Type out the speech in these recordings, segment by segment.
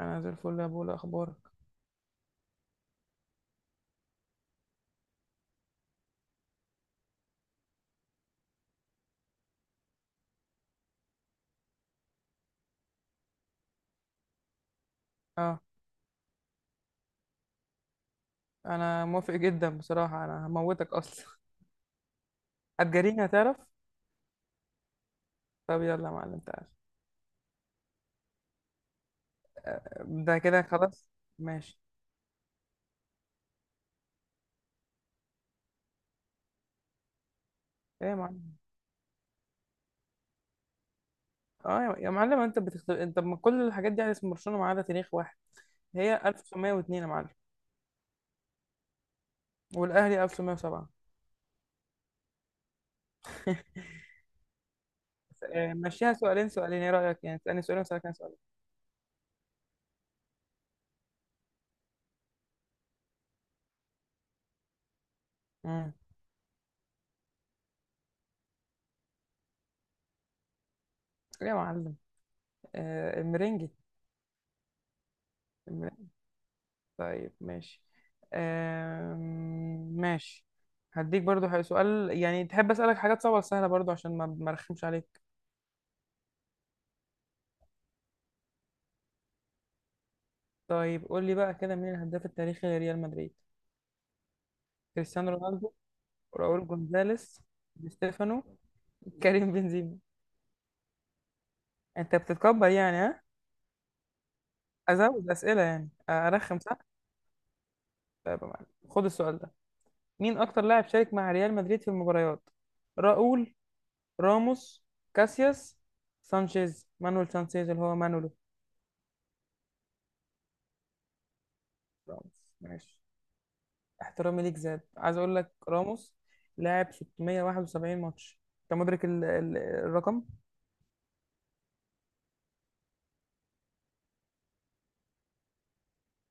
انا زي الفل يا بولا، اخبارك؟ اه، انا موافق جدا بصراحه، انا هموتك اصلا. هتجريني هتعرف. طب يلا يا معلم، تعال. ده كده خلاص. ماشي. ايه يا معلم؟ اه يا معلم، انت بتختار. انت ما كل الحاجات دي على اسم برشلونه ما عدا تاريخ واحد. هي 1902 يا معلم، والاهلي 1907. بس. مشيها سؤالين سؤالين، ايه رايك يعني تسالني سؤالين واسالك انا سؤالين؟ امم ايه يا معلم؟ آه المرنجي. طيب ماشي. ماشي. هديك برضو سؤال، يعني تحب أسألك حاجات صعبة ولا سهلة؟ برضو عشان ما أرخمش عليك. طيب قول لي بقى كده، مين الهداف التاريخي لريال مدريد؟ كريستيانو رونالدو، راؤول جونزاليس، دي ستيفانو، كريم بنزيما. أنت بتتكبر يعني، ها؟ أزود أسئلة يعني، أرخم صح؟ طيب يا معلم، خد السؤال ده. مين أكتر لاعب شارك مع ريال مدريد في المباريات؟ راؤول، راموس، كاسياس، سانشيز، مانويل سانشيز اللي هو مانولو. راموس. ماشي. احترامي ليك زاد، عايز اقول لك راموس لاعب 671 ماتش. انت مدرك الرقم؟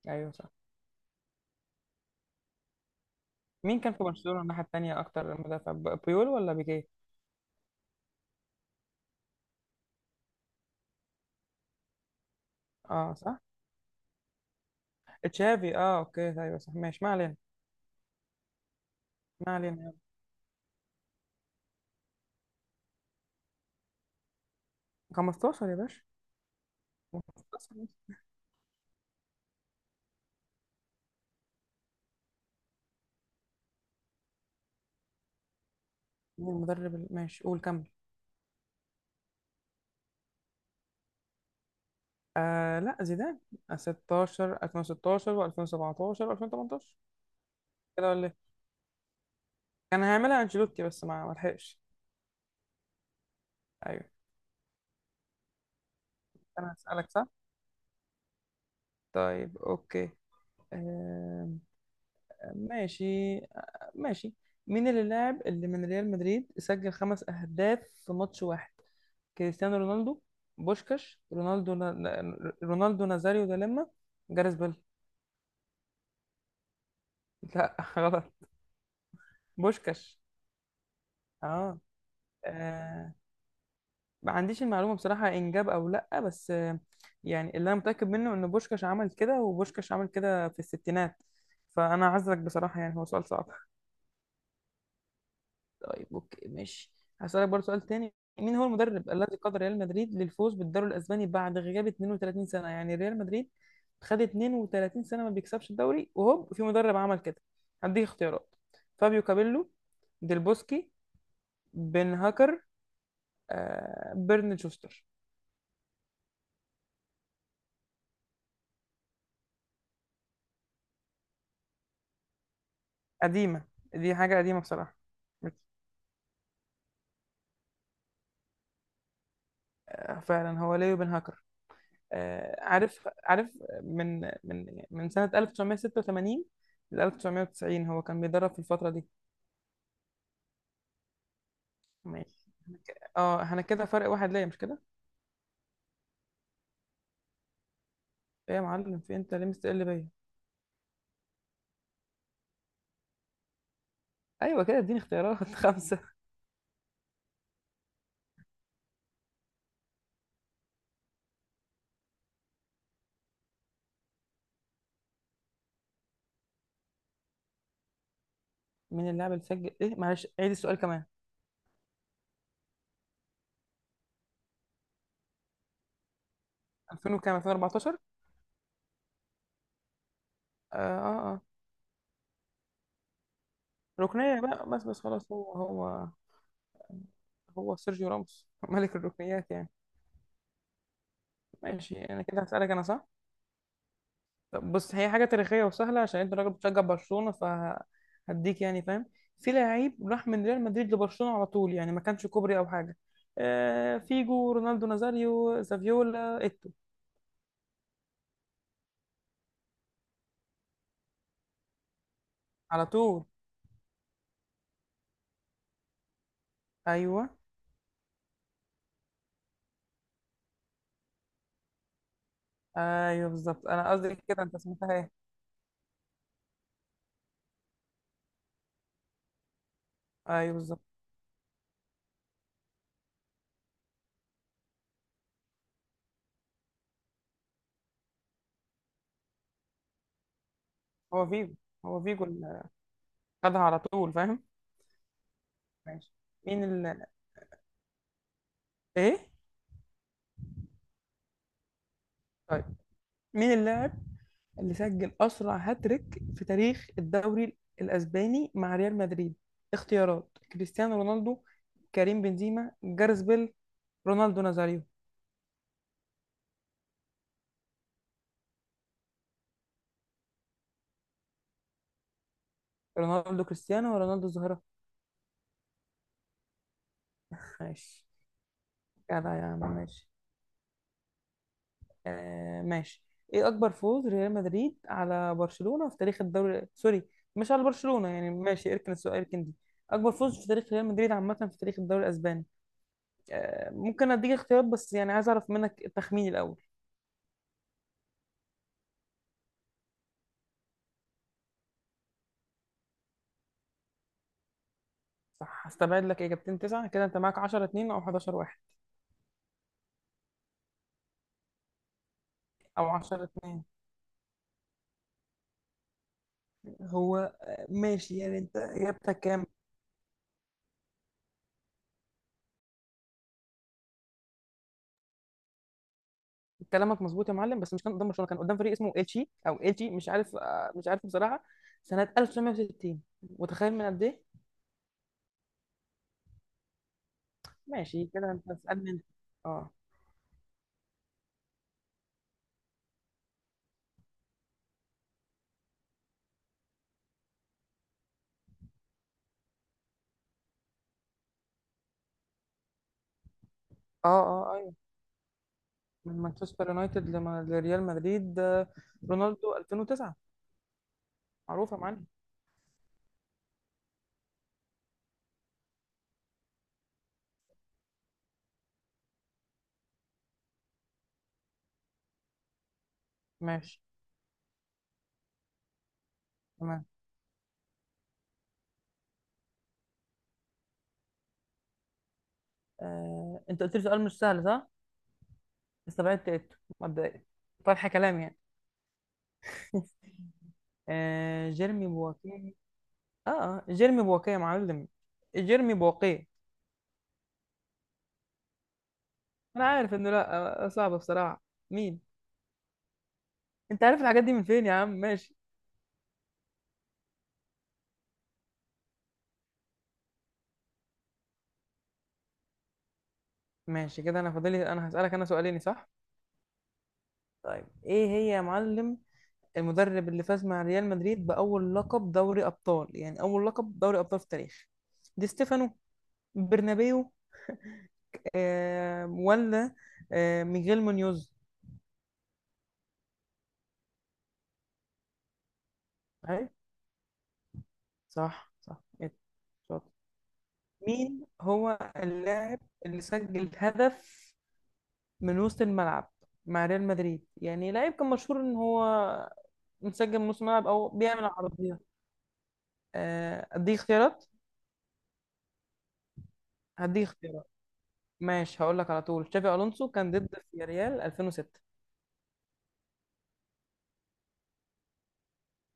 ايوه صح. مين كان في برشلونة الناحية التانية اكتر مدافع، بيول ولا بيكيه؟ اه صح، تشافي. اه اوكي، ايوه صح، ماشي ما علينا. ما علينا يلا. 15 يا باشا. 15 مين؟ المدرب ماشي قول كمل. آه لا، زيدان. 16، 2016 و2017 و2018. كده ولا إيه؟ كان هيعملها انشيلوتي بس ما لحقش. ايوه. انا هسألك صح. طيب اوكي. آم، ماشي. ماشي. مين اللي لاعب اللي من ريال مدريد سجل خمس اهداف في ماتش واحد؟ كريستيانو رونالدو، بوشكاش، رونالدو رونالدو نازاريو دا لما، جاريث بيل. لا، غلط. بوشكاش. اه. آه، ما عنديش المعلومة بصراحة إن جاب أو لأ، بس يعني اللي أنا متأكد منه إن بوشكاش عمل كده، وبوشكاش عمل كده في الستينات، فأنا أعذرك بصراحة، يعني هو سؤال صعب. طيب اوكي ماشي. هسألك برضه سؤال تاني. مين هو المدرب الذي قاد ريال مدريد للفوز بالدوري الاسباني بعد غياب 32 سنة؟ يعني ريال مدريد خد 32 سنة ما بيكسبش الدوري وهوب في مدرب عمل كده. هديك اختيارات. فابيو كابيلو، ديل بوسكي، بن هاكر، آه بيرن شوستر. قديمة، دي حاجة قديمة بصراحة. فعلا هو ليو بن هاكر. عارف عارف من سنة 1986 ل 1990، هو كان بيدرب في الفترة دي. ماشي إحنا احنا كده فرق واحد ليا، مش كده؟ ايه يا معلم؟ في انت ليه مستقل بيا. ايوه كده، اديني اختيارات خمسه. مين اللاعب اللي سجل ايه؟ معلش عيد السؤال كمان. 2000 وكام؟ 2014. اه اه اه. ركنيه بقى، بس خلاص، هو هو سيرجيو راموس ملك الركنيات يعني. ماشي. انا كده هسألك انا صح. طب بص، هي حاجة تاريخية وسهلة عشان انت راجل بتشجع برشلونة، فهديك يعني فاهم. في لعيب راح من ريال مدريد لبرشلونة على طول، يعني ما كانش كوبري او حاجة. آه فيجو، رونالدو نازاريو، زافيولا، ايتو. على طول. ايوه. ايوه بالظبط، انا قصدي كده. انت سمعتها ايه؟ ايوه بالظبط. هو فيجو. هو فيجو اللي خدها على طول، فاهم. ماشي. مين ال... ايه؟ طيب مين اللاعب اللي سجل أسرع هاتريك في تاريخ الدوري الأسباني مع ريال مدريد؟ اختيارات: كريستيانو رونالدو، كريم بنزيما، جارس بيل، رونالدو نازاريو. رونالدو كريستيانو ورونالدو الظاهرة. ماشي. جدع يا عم ماشي. آه ماشي. ايه أكبر فوز ريال مدريد على برشلونة في تاريخ الدوري؟ سوري، مش على برشلونة يعني، ماشي اركن السؤال اركن دي. أكبر فوز في تاريخ ريال مدريد عامة في تاريخ الدوري الأسباني. ممكن أديك اختيارات، بس يعني عايز أعرف منك التخمين الأول. صح، هستبعد لك اجابتين تسعة. كده انت معاك 10-2 او 11-1 او 10-2. هو ماشي، يعني انت اجابتك كام؟ كلامك مظبوط يا معلم، بس مش كان قدام برشلونة، كان قدام فريق اسمه اتشي او اتشي، مش عارف. مش عارف بصراحة. سنة 1960. متخيل من قد ايه؟ ماشي كده. انت اسالني انت. اه اه اه. ايوه. من مانشستر يونايتد لريال مدريد. رونالدو 2009. معروفة يا معلم. ماشي. تمام. انت قلت لي سؤال مش سهل صح. استبعدت إيتو مبدئيا، طرح كلام يعني. آه جيرمي بواكيه. اه جيرمي بواكيه يا معلم. جيرمي بواكيه. انا عارف انه لا، صعب بصراحة. مين؟ انت عارف الحاجات دي من فين يا عم؟ ماشي. ماشي كده، انا فاضلي انا هسألك انا سؤالين صح. طيب ايه هي يا معلم؟ المدرب اللي فاز مع ريال مدريد بأول لقب دوري أبطال، يعني أول لقب دوري أبطال في التاريخ. دي ستيفانو، برنابيو، آه ولا آه ميغيل مونيوز. أي صح صح، إيه، شاطر. مين هو اللاعب اللي سجل هدف من وسط الملعب مع ريال مدريد؟ يعني لاعب كان مشهور ان هو مسجل من وسط الملعب او بيعمل عرضيات. اديك اختيارات. هديك اختيارات. ماشي هقول لك على طول، تشافي الونسو كان ضد في ريال 2006.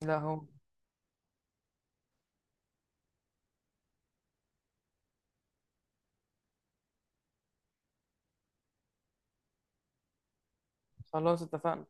لا هو. خلاص اتفقنا.